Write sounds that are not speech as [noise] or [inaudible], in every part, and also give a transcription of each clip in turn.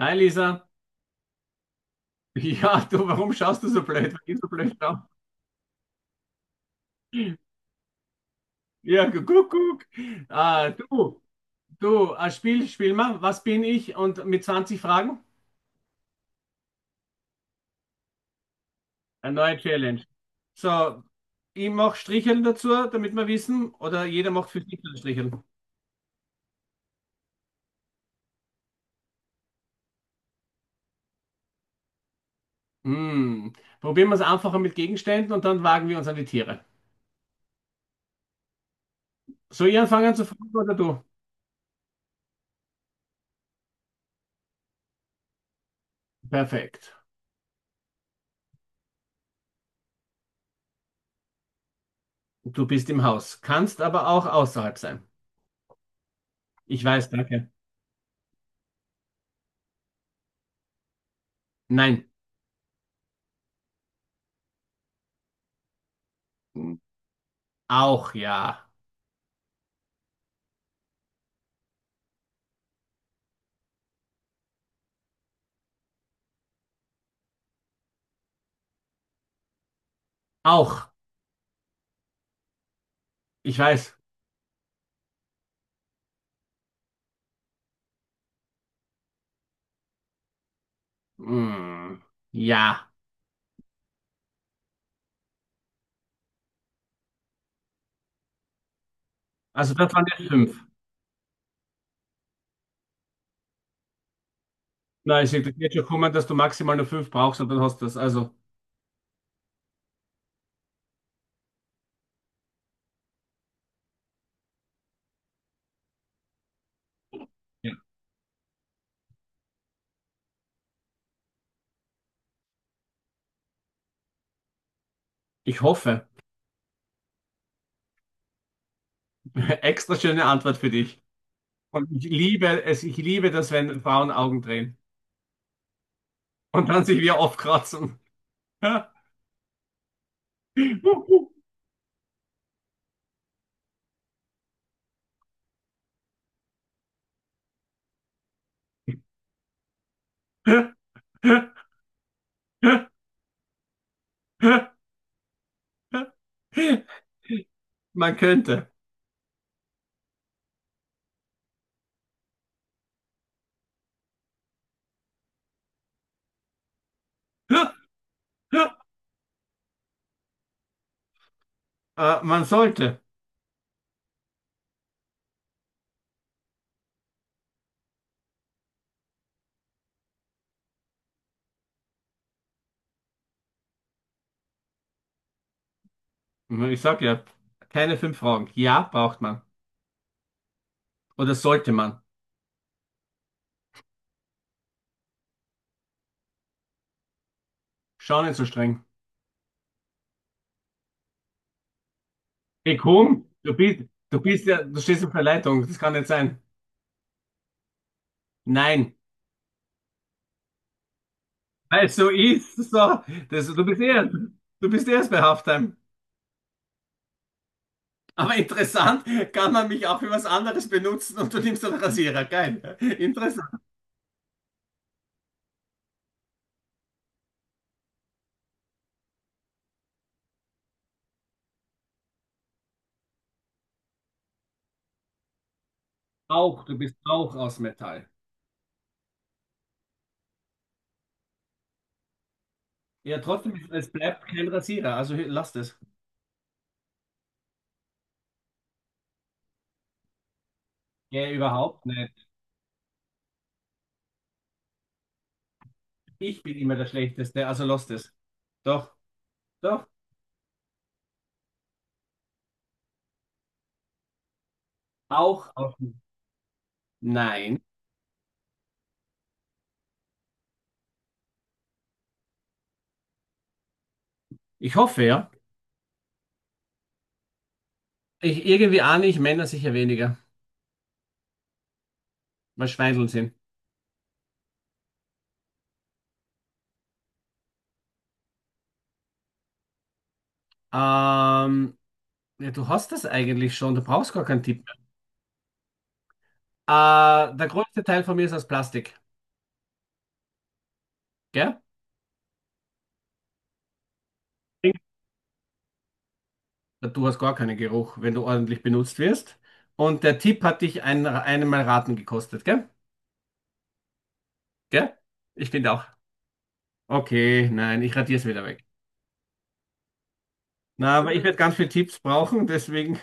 Hi Lisa. [laughs] Ja, du, warum schaust du so blöd? Warum gehst du so blöd drauf? Guck, guck. Ah, du, ein Spiel, spiel mal. Was bin ich? Und mit 20 Fragen? Eine neue Challenge. So, ich mache Stricheln dazu, damit wir wissen, oder jeder macht für sich ein Stricheln. Hm. Probieren wir es einfacher mit Gegenständen und dann wagen wir uns an die Tiere. Soll ich anfangen zu fragen oder du? Perfekt. Du bist im Haus, kannst aber auch außerhalb sein. Ich weiß, danke. Nein. Auch ja. Auch, ich weiß. Hm, ja, also das waren jetzt fünf. Nein, es wird jetzt schon kommen, dass du maximal nur fünf brauchst und dann hast du das. Also, ja, ich hoffe. [laughs] Extra schöne Antwort für dich. Und ich liebe es, ich liebe das, wenn Frauen Augen drehen und dann sich wieder aufkratzen. [laughs] Man könnte. Man sollte. Ich sag ja, keine fünf Fragen. Ja, braucht man. Oder sollte man. Schau nicht so streng. Hey, komm, du bist, Du bist ja, du stehst auf der Leitung, das kann nicht sein. Nein, weil es so ist, so, das, du bist erst, du bist eh erst bei Halftime. Aber interessant, kann man mich auch für was anderes benutzen und du nimmst einen Rasierer, geil. Ja. Interessant. Auch, du bist auch aus Metall. Ja, trotzdem, es bleibt kein Rasierer, also lass das. Ja, überhaupt nicht. Ich bin immer der Schlechteste, also lass das. Doch, doch, auch aus. Nein, ich hoffe ja. Ich, irgendwie ahne ich Männer sicher weniger. Mal Schweindeln sind. Ähm, ja, du hast das eigentlich schon, du brauchst gar keinen Tipp mehr. Der größte Teil von mir ist aus Plastik, gell? Du hast gar keinen Geruch, wenn du ordentlich benutzt wirst. Und der Tipp hat dich einmal raten gekostet, gell? Gell? Ich finde auch. Okay, nein, ich radier's wieder weg. Na, aber ich werde ganz viele Tipps brauchen, deswegen.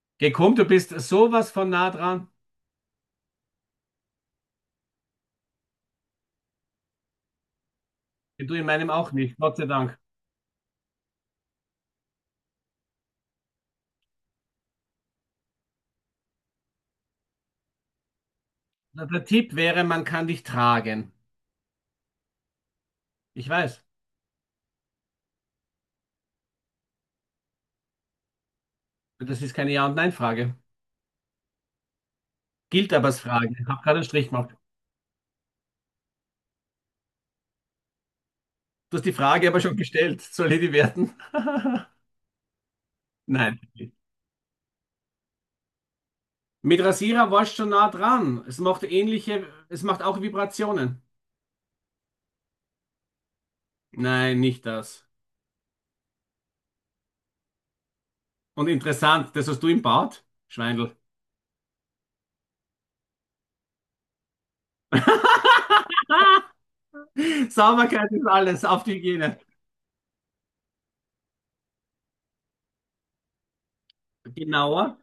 [laughs] Geh, komm, du bist sowas von nah dran. Du in meinem auch nicht, Gott sei Dank. Na, der Tipp wäre, man kann dich tragen. Ich weiß. Das ist keine Ja- und Nein-Frage. Gilt aber als Frage. Ich habe gerade einen Strich gemacht. Du hast die Frage aber schon gestellt. Soll ich die werten? [laughs] Nein. Mit Rasierer warst schon nah dran. Es macht auch Vibrationen. Nein, nicht das. Und interessant, das hast du im Bad? Schweindel. [laughs] Sauberkeit ist alles, auf die Hygiene. Genauer.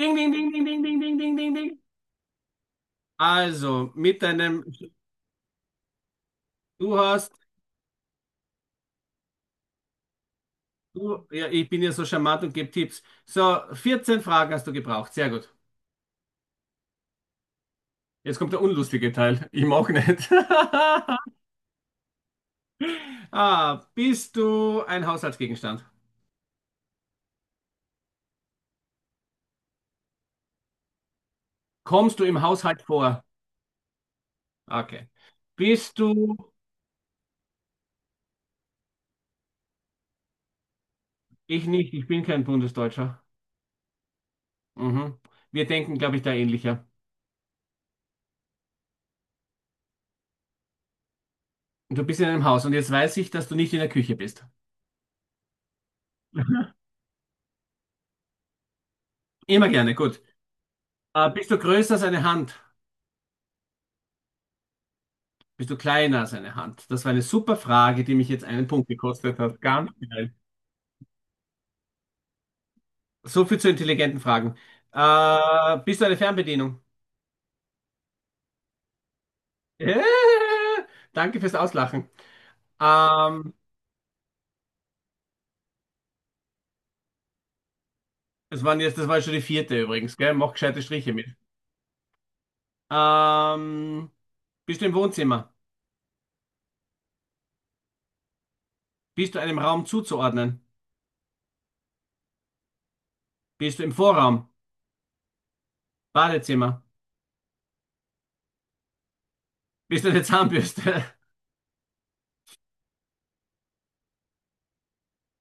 Ding, ding, ding, ding, ding, ding, ding, ding, ding, ding. Also, mit deinem, du hast, du, Ja, ich bin ja so charmant und gebe Tipps. So, 14 Fragen hast du gebraucht. Sehr gut. Jetzt kommt der unlustige Teil. Ihm auch nicht. [laughs] Ah, bist du ein Haushaltsgegenstand? Kommst du im Haushalt vor? Okay. Bist du? Ich nicht, ich bin kein Bundesdeutscher. Mhm. Wir denken, glaube ich, da ähnlicher. Du bist in einem Haus und jetzt weiß ich, dass du nicht in der Küche bist. Immer gerne, gut. Ah, bist du größer als eine Hand? Bist du kleiner als eine Hand? Das war eine super Frage, die mich jetzt einen Punkt gekostet hat. Ganz geil. So viel zu intelligenten Fragen. Ah, bist du eine Fernbedienung? Äh, Danke fürs Auslachen. Ähm, Das waren jetzt, das war schon die vierte übrigens, gell? Mach gescheite Striche mit. Ähm, Bist du im Wohnzimmer? Bist du einem Raum zuzuordnen? Bist du im Vorraum? Badezimmer? Bist du eine Zahnbürste? [laughs]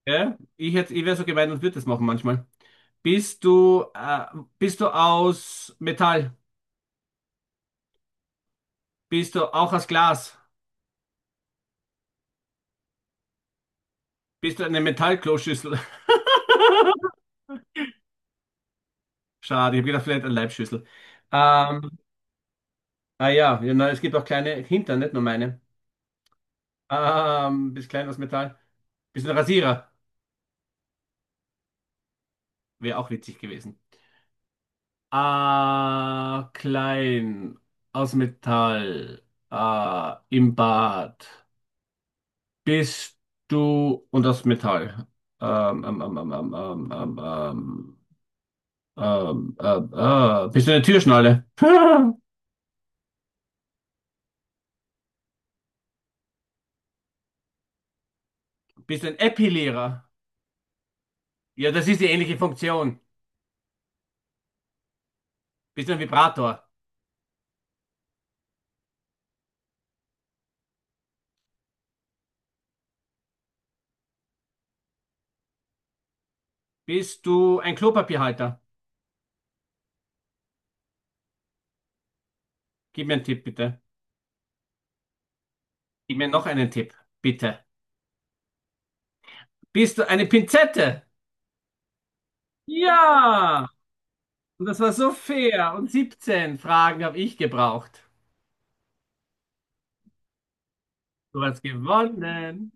Ja? Ich hätte, ich wäre so gemein und würde das machen manchmal. Bist du, äh, Bist du aus Metall? Bist du auch aus Glas? Bist du eine Metallkloschüssel? [laughs] Schade, ich habe gedacht, vielleicht eine Leibschüssel. Ähm, Ah ja, ja, na, es gibt auch kleine Hintern, nicht nur meine. Bisschen klein aus Metall. Bisschen Rasierer. Wäre auch witzig gewesen. Ah, klein. Aus Metall. Ah, im Bad. Bist du und aus Metall. Ähm, ähm, ähm, ähm, ähm, ähm, ähm, Bist du eine Türschnalle? [laughs] Bist du ein Epilierer? Ja, das ist die ähnliche Funktion. Bist du ein Vibrator? Bist du ein Klopapierhalter? Gib mir einen Tipp, bitte. Gib mir noch einen Tipp, bitte. Bist du eine Pinzette? Ja! Und das war so fair. Und 17 Fragen habe ich gebraucht. Du hast gewonnen.